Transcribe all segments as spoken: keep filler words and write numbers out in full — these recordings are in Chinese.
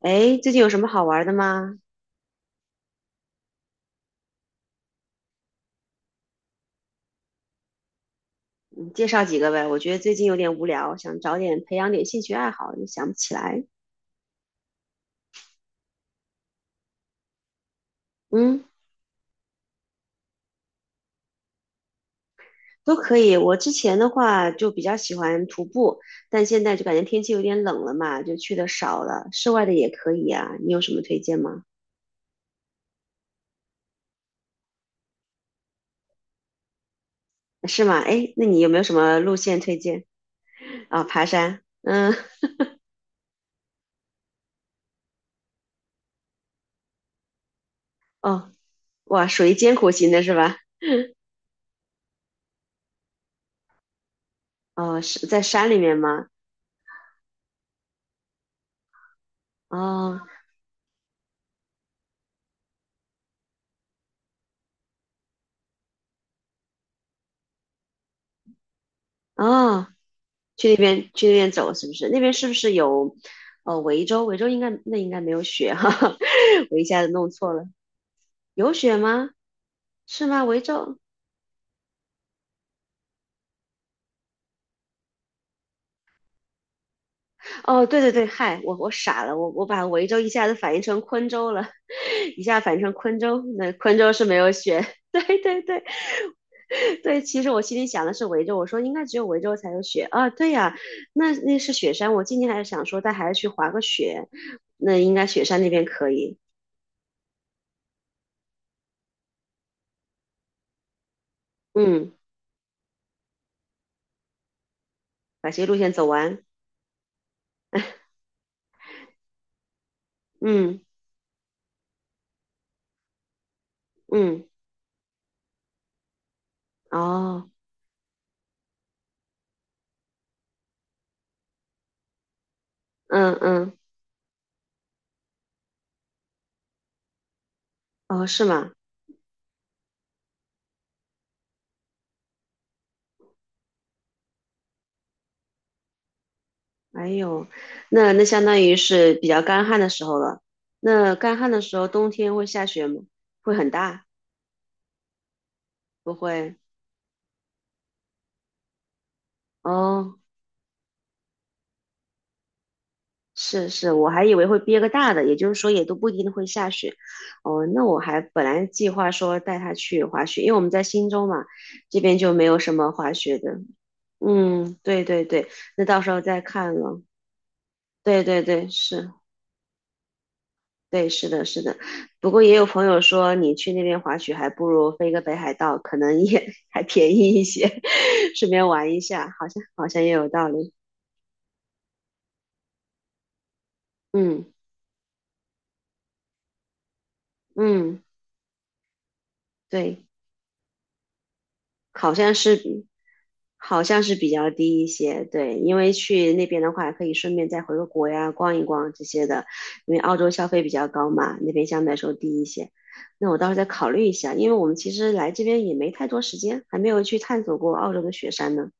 哎，最近有什么好玩的吗？你介绍几个呗。我觉得最近有点无聊，想找点培养点兴趣爱好，又想不起来。嗯，都可以。我之前的话就比较喜欢徒步，但现在就感觉天气有点冷了嘛，就去的少了。室外的也可以啊，你有什么推荐吗？是吗？哎，那你有没有什么路线推荐？啊、爬山。嗯，哦，哇，属于艰苦型的是吧？哦，是在山里面吗？哦。哦，去那边去那边走，是不是？那边是不是有呃维州？维州应该那应该没有雪哈哈，我一下子弄错了，有雪吗？是吗？维州？哦，对对对，嗨，我我傻了，我我把维州一下子反应成昆州了，一下反应成昆州，那昆州是没有雪，对对对。对，其实我心里想的是维州，我说应该只有维州才有雪啊。对呀、那那是雪山，我今天还是想说带孩子去滑个雪，那应该雪山那边可以。嗯。把这些路线走完。嗯嗯，哦，嗯嗯，哦，是吗？哎呦，那那相当于是比较干旱的时候了。那干旱的时候，冬天会下雪吗？会很大？不会。哦，是是，我还以为会憋个大的，也就是说也都不一定会下雪。哦，那我还本来计划说带他去滑雪，因为我们在忻州嘛，这边就没有什么滑雪的。嗯，对对对，那到时候再看了。对对对，是。对，是的，是的。不过也有朋友说，你去那边滑雪还不如飞个北海道，可能也 还便宜一些，顺便玩一下，好像好像也有道理。嗯嗯，对，好像是比好像是比较低一些。对，因为去那边的话，可以顺便再回个国呀，逛一逛这些的。因为澳洲消费比较高嘛，那边相对来说低一些。那我到时候再考虑一下，因为我们其实来这边也没太多时间，还没有去探索过澳洲的雪山呢。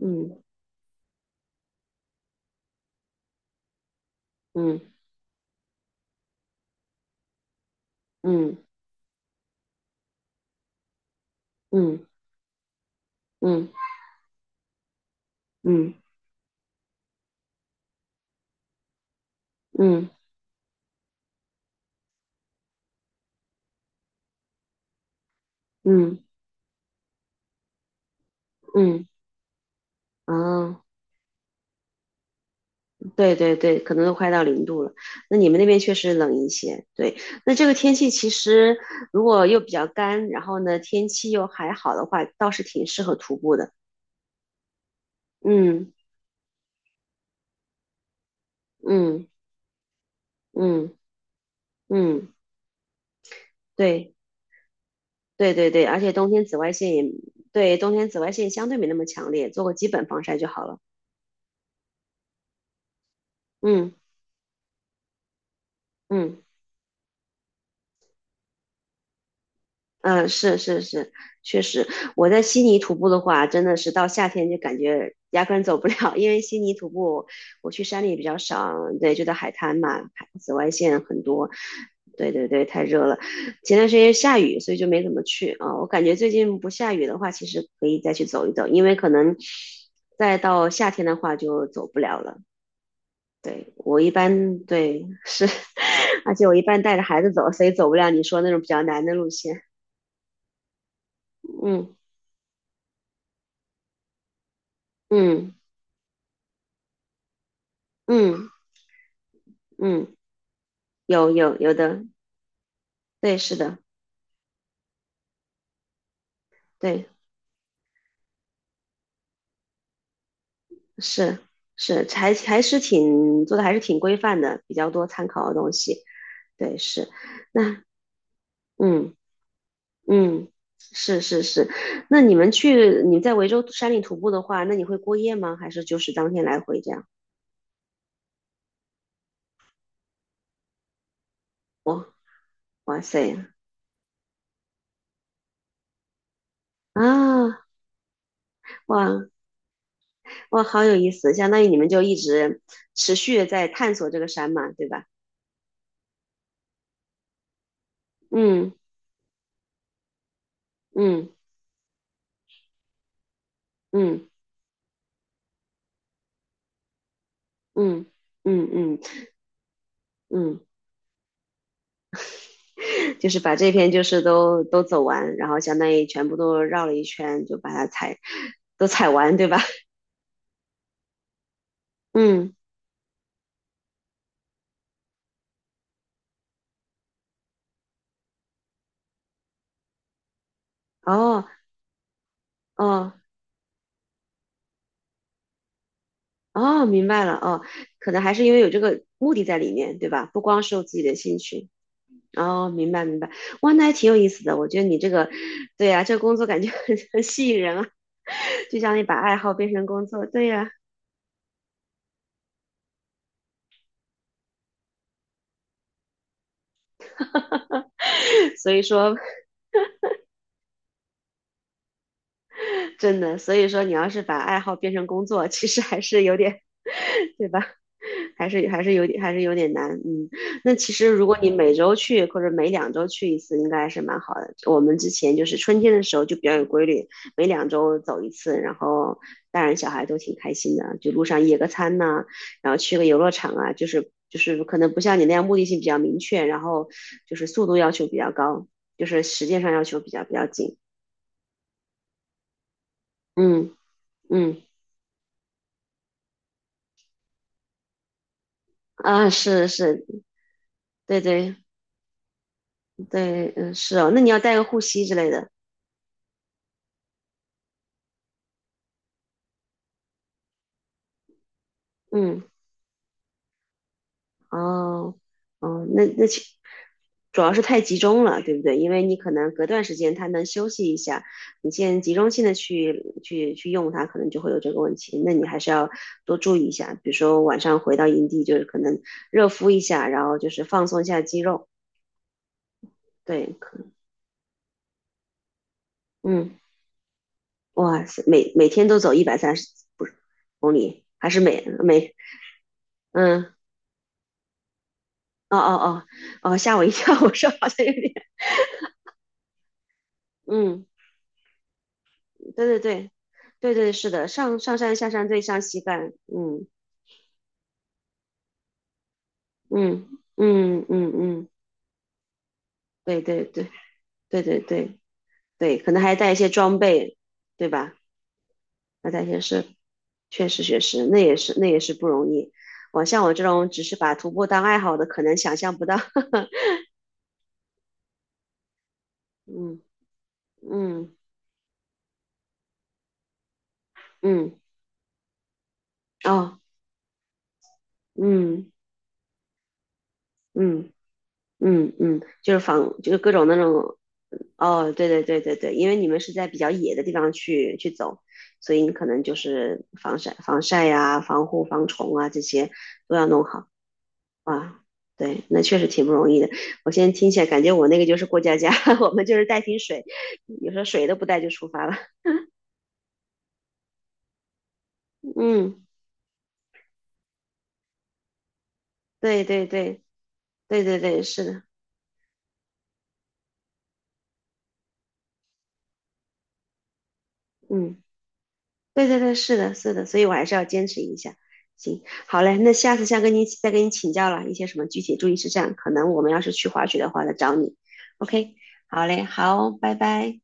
嗯嗯。嗯嗯嗯嗯嗯嗯嗯，哦，对对对，可能都快到零度了。那你们那边确实冷一些，对。那这个天气其实如果又比较干，然后呢天气又还好的话，倒是挺适合徒步的。嗯嗯嗯嗯，对对对对，而且冬天紫外线也，对，冬天紫外线相对没那么强烈，做个基本防晒就好了。嗯嗯。嗯，是是是，确实，我在悉尼徒步的话，真的是到夏天就感觉压根走不了，因为悉尼徒步我去山里比较少，对，就在海滩嘛，海紫外线很多，对对对，太热了。前段时间下雨，所以就没怎么去啊。我感觉最近不下雨的话，其实可以再去走一走，因为可能再到夏天的话就走不了了。对，我一般，对，是，而且我一般带着孩子走，所以走不了你说那种比较难的路线。嗯。嗯嗯嗯，有有有的，对，是的，对，是是，还还是挺做的，还是挺规范的，比较多参考的东西，对，是，那嗯嗯，是是是，那你们去你在维州山里徒步的话，那你会过夜吗？还是就是当天来回这样？哇塞啊，哇哇，好有意思，相当于你们就一直持续的在探索这个山嘛，对吧？嗯嗯嗯嗯嗯嗯嗯嗯。就是把这篇就是都都走完，然后相当于全部都绕了一圈，就把它踩都踩完，对吧？嗯，哦哦哦，明白了哦，可能还是因为有这个目的在里面，对吧？不光是我自己的兴趣。哦，明白明白，哇，那还挺有意思的。我觉得你这个，对呀、这个工作感觉 很很吸引人啊，就像你把爱好变成工作，对呀、所以说真的，所以说你要是把爱好变成工作，其实还是有点，对吧？还是还是有点还是有点难，嗯。那其实如果你每周去或者每两周去一次，应该是蛮好的。我们之前就是春天的时候就比较有规律，每两周走一次，然后大人小孩都挺开心的，就路上野个餐呐、然后去个游乐场啊，就是就是可能不像你那样目的性比较明确，然后就是速度要求比较高，就是时间上要求比较比较紧，嗯嗯。啊，是是，对对对，嗯，是哦，那你要带个护膝之类的，嗯，哦，哦，那那其主要是太集中了，对不对？因为你可能隔段时间他能休息一下，你现在集中性的去去去用它，可能就会有这个问题。那你还是要多注意一下，比如说晚上回到营地，就是可能热敷一下，然后就是放松一下肌肉，对，可，嗯，哇塞，每每天都走一百三十不是公里，还是每每。嗯，哦哦哦哦，吓我一跳！我说好像有点 嗯，对对对，对对是的，上上山下山最伤膝盖，嗯嗯嗯嗯嗯，对对对对对对对，可能还带一些装备，对吧？还带一些设，确实确实，那也是那也是不容易。我像我这种只是把徒步当爱好的，可能想象不到。嗯嗯嗯，哦，嗯嗯。嗯嗯，就是防就是各种那种，哦，对对对对对，因为你们是在比较野的地方去去走，所以你可能就是防晒、防晒呀、防护、防虫啊这些都要弄好啊。对，那确实挺不容易的。我现在听起来感觉我那个就是过家家，我们就是带瓶水，有时候水都不带就出发了。嗯，对对对对对对，是的，嗯。对对对，是的，是的，所以我还是要坚持一下。行，好嘞，那下次再跟你再跟你请教了一些什么具体注意事项，可能我们要是去滑雪的话再找你。OK，好嘞，好，拜拜。